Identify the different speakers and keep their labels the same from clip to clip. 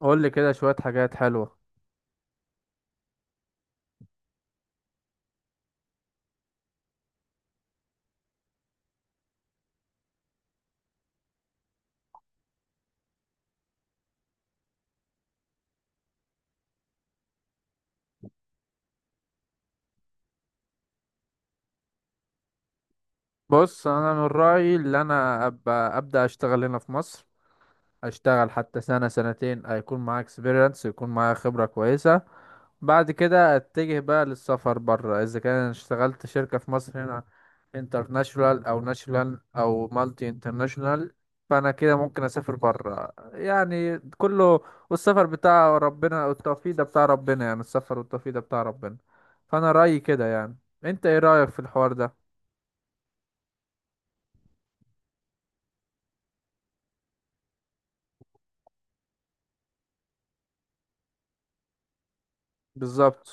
Speaker 1: قول لي كده شوية حاجات حلوة. بص انا من رأيي اللي انا ابقى ابدأ اشتغل هنا في مصر، اشتغل حتى سنة سنتين هيكون معايا اكسبيرينس، يكون معايا خبرة كويسة. بعد كده اتجه بقى للسفر بره. اذا كان أنا اشتغلت شركة في مصر هنا انترناشونال او ناشونال او مالتي انترناشونال، فانا كده ممكن اسافر بره يعني. كله والسفر بتاع ربنا والتوفيق ده بتاع ربنا، يعني السفر والتوفيق ده بتاع ربنا. فانا رأيي كده يعني. انت ايه رأيك في الحوار ده؟ بالظبط.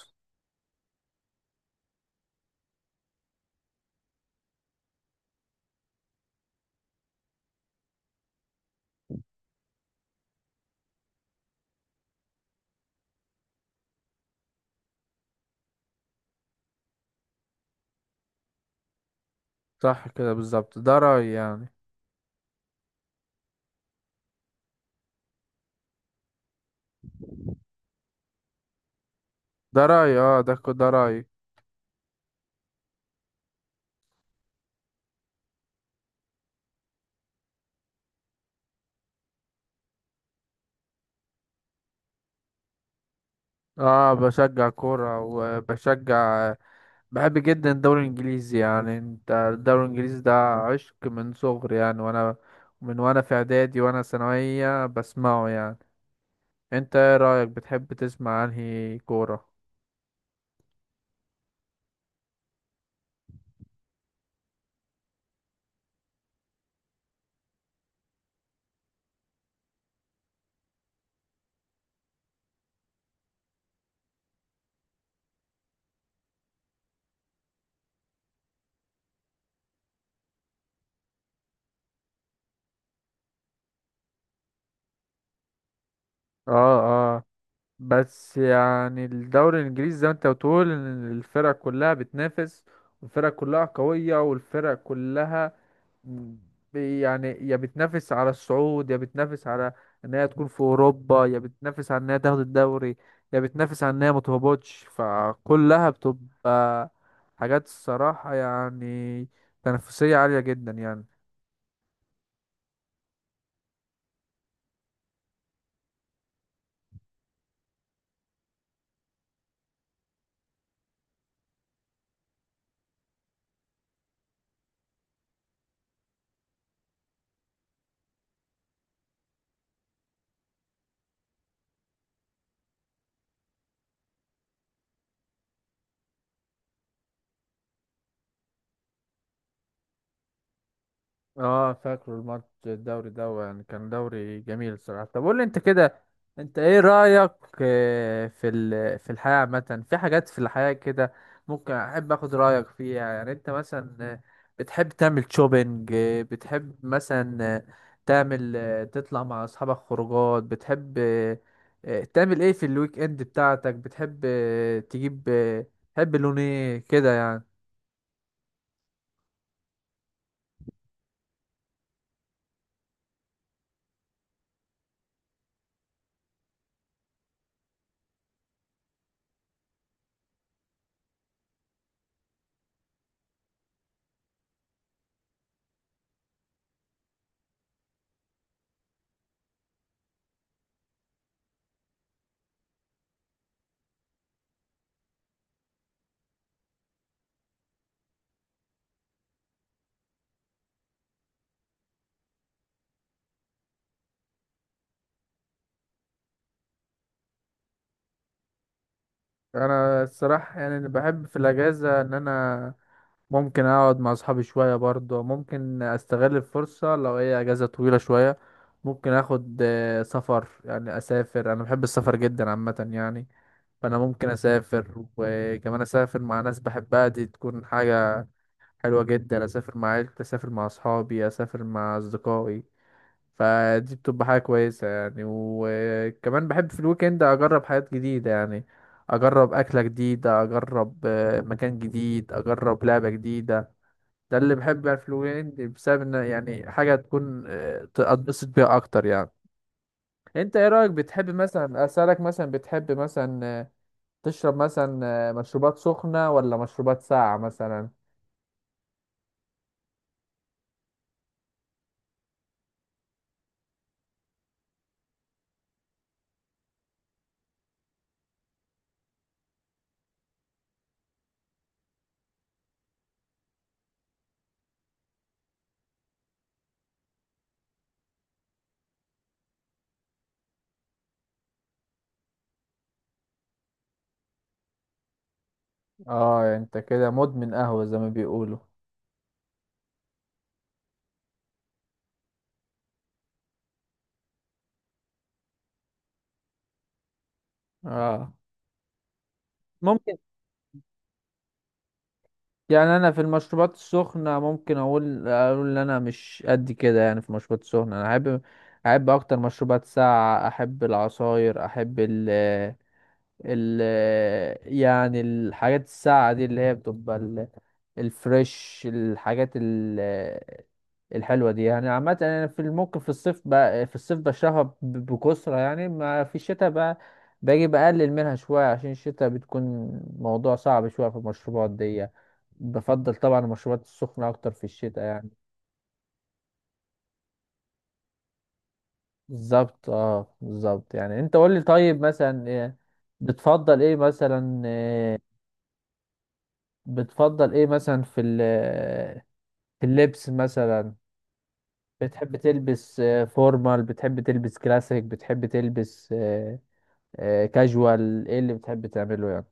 Speaker 1: صح كده بالظبط، ده رأيي يعني. ده رأيي، اه، ده ده رأيي. اه بشجع كورة وبشجع، بحب جدا الدوري الانجليزي يعني. انت الدوري الانجليزي ده عشق من صغري يعني، وانا من وانا في اعدادي وانا ثانوية بسمعه يعني. انت ايه رأيك، بتحب تسمع انهي كورة؟ اه اه. بس يعني الدوري الانجليزي زي ما انت بتقول ان الفرق كلها بتنافس، والفرق كلها قوية والفرق كلها مم. يعني يا بتنافس على الصعود، يا بتنافس على ان هي تكون في اوروبا، يا بتنافس على ان هي تاخد الدوري، يا بتنافس على ان هي ما تهبطش. فكلها بتبقى حاجات الصراحة يعني تنافسية عالية جدا يعني. اه فاكره الماتش الدوري ده يعني كان دوري جميل الصراحة. طب قول لي انت كده، انت ايه رأيك في في الحياة عامة، في حاجات في الحياة كده ممكن احب اخد رأيك فيها؟ يعني انت مثلا بتحب تعمل شوبينج؟ بتحب مثلا تعمل تطلع مع اصحابك خروجات؟ بتحب تعمل ايه في الويك اند بتاعتك؟ بتحب تجيب تحب لون ايه كده يعني؟ انا الصراحه يعني بحب في الاجازه ان انا ممكن اقعد مع اصحابي شويه برضه. ممكن استغل الفرصه لو هي اجازه طويله شويه ممكن اخد سفر، يعني اسافر. انا بحب السفر جدا عامه يعني، فانا ممكن اسافر. وكمان اسافر مع ناس بحبها، دي تكون حاجه حلوه جدا. اسافر مع عيلتي، اسافر مع اصحابي، اسافر مع اصدقائي، فدي بتبقى حاجة كويسة يعني. وكمان بحب في الويكند أجرب حاجات جديدة يعني. أجرب أكلة جديدة، أجرب مكان جديد، أجرب لعبة جديدة. ده اللي بحب يعني في الويكند، بسبب إن يعني حاجة تكون أتبسط بيها أكتر يعني. أنت إيه رأيك، بتحب مثلا أسألك مثلا بتحب مثلا تشرب مثلا مشروبات سخنة ولا مشروبات ساقعة مثلا؟ اه انت كده مدمن قهوة زي ما بيقولوا. اه ممكن. يعني انا في المشروبات السخنه ممكن اقول ان انا مش قد كده يعني. في المشروبات السخنه انا احب، احب اكتر مشروبات ساقعه، احب العصاير، احب ال ال يعني الحاجات الساقعة دي اللي هي بتبقى الفريش، الحاجات الحلوة دي يعني. عامة أنا في ممكن في الصيف بقى، في الصيف بشربها بكثرة يعني. ما في الشتاء بقى باجي بقلل منها شوية، عشان الشتاء بتكون موضوع صعب شوية في المشروبات دي. بفضل طبعا المشروبات السخنة أكتر في الشتاء يعني. بالظبط، اه بالظبط يعني. انت قول لي طيب مثلا إيه بتفضل ايه مثلا بتفضل ايه مثلا في في اللبس مثلا؟ بتحب تلبس فورمال، بتحب تلبس كلاسيك، بتحب تلبس كاجوال، ايه اللي بتحب تعمله يعني؟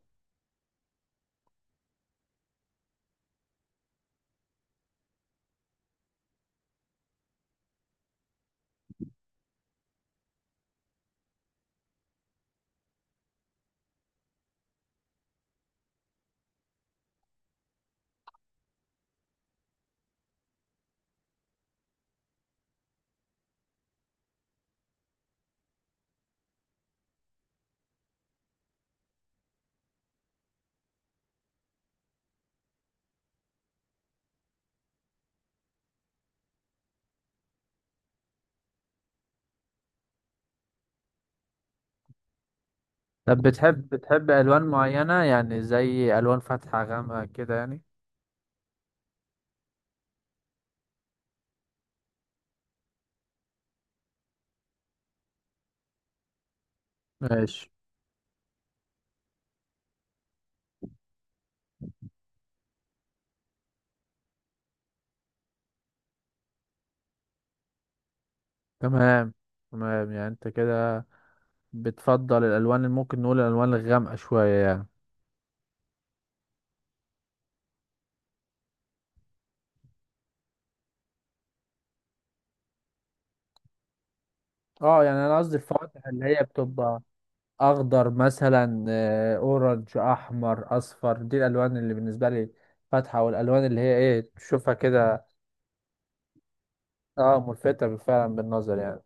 Speaker 1: طب بتحب الوان معينة يعني، زي الوان فاتحة غامقة كده يعني؟ ماشي. تمام تمام، يعني انت كده بتفضل الالوان اللي ممكن نقول الالوان الغامقة شوية يعني. اه يعني انا قصدي الفواتح اللي هي بتبقى اخضر مثلا، اورنج، احمر، اصفر، دي الالوان اللي بالنسبه لي فاتحه والالوان اللي هي ايه تشوفها كده. اه ملفته فعلا بالنظر يعني.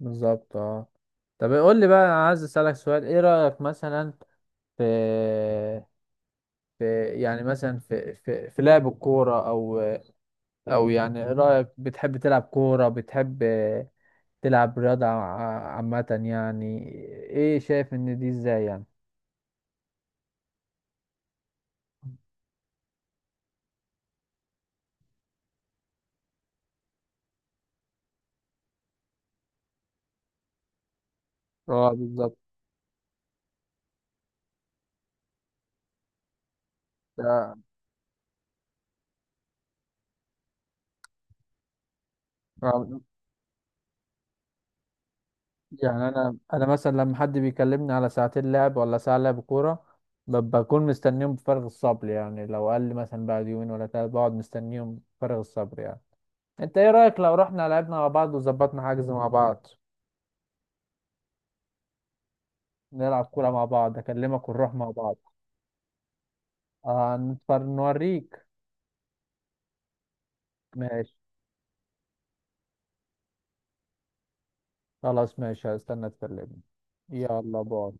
Speaker 1: بالظبط اه. طب قول لي بقى، أنا عايز اسالك سؤال. ايه رايك مثلا في في لعب الكوره، او او يعني إيه رايك، بتحب تلعب كوره، بتحب تلعب رياضه عامه يعني؟ ايه شايف ان دي ازاي يعني؟ اه بالظبط. آه. يعني انا انا مثلا لما حد بيكلمني على ساعتين لعب ولا ساعه لعب كوره، بكون مستنيهم بفارغ الصبر يعني. لو قال لي مثلا بعد يومين ولا ثلاثه بقعد مستنيهم بفارغ الصبر يعني. انت ايه رايك لو رحنا لعبنا مع بعض وظبطنا حجز مع بعض؟ نلعب كوره مع بعض، اكلمك ونروح مع بعض. آه نتفر نوريك. ماشي خلاص، ماشي هستنى تكلمني. يلا باي.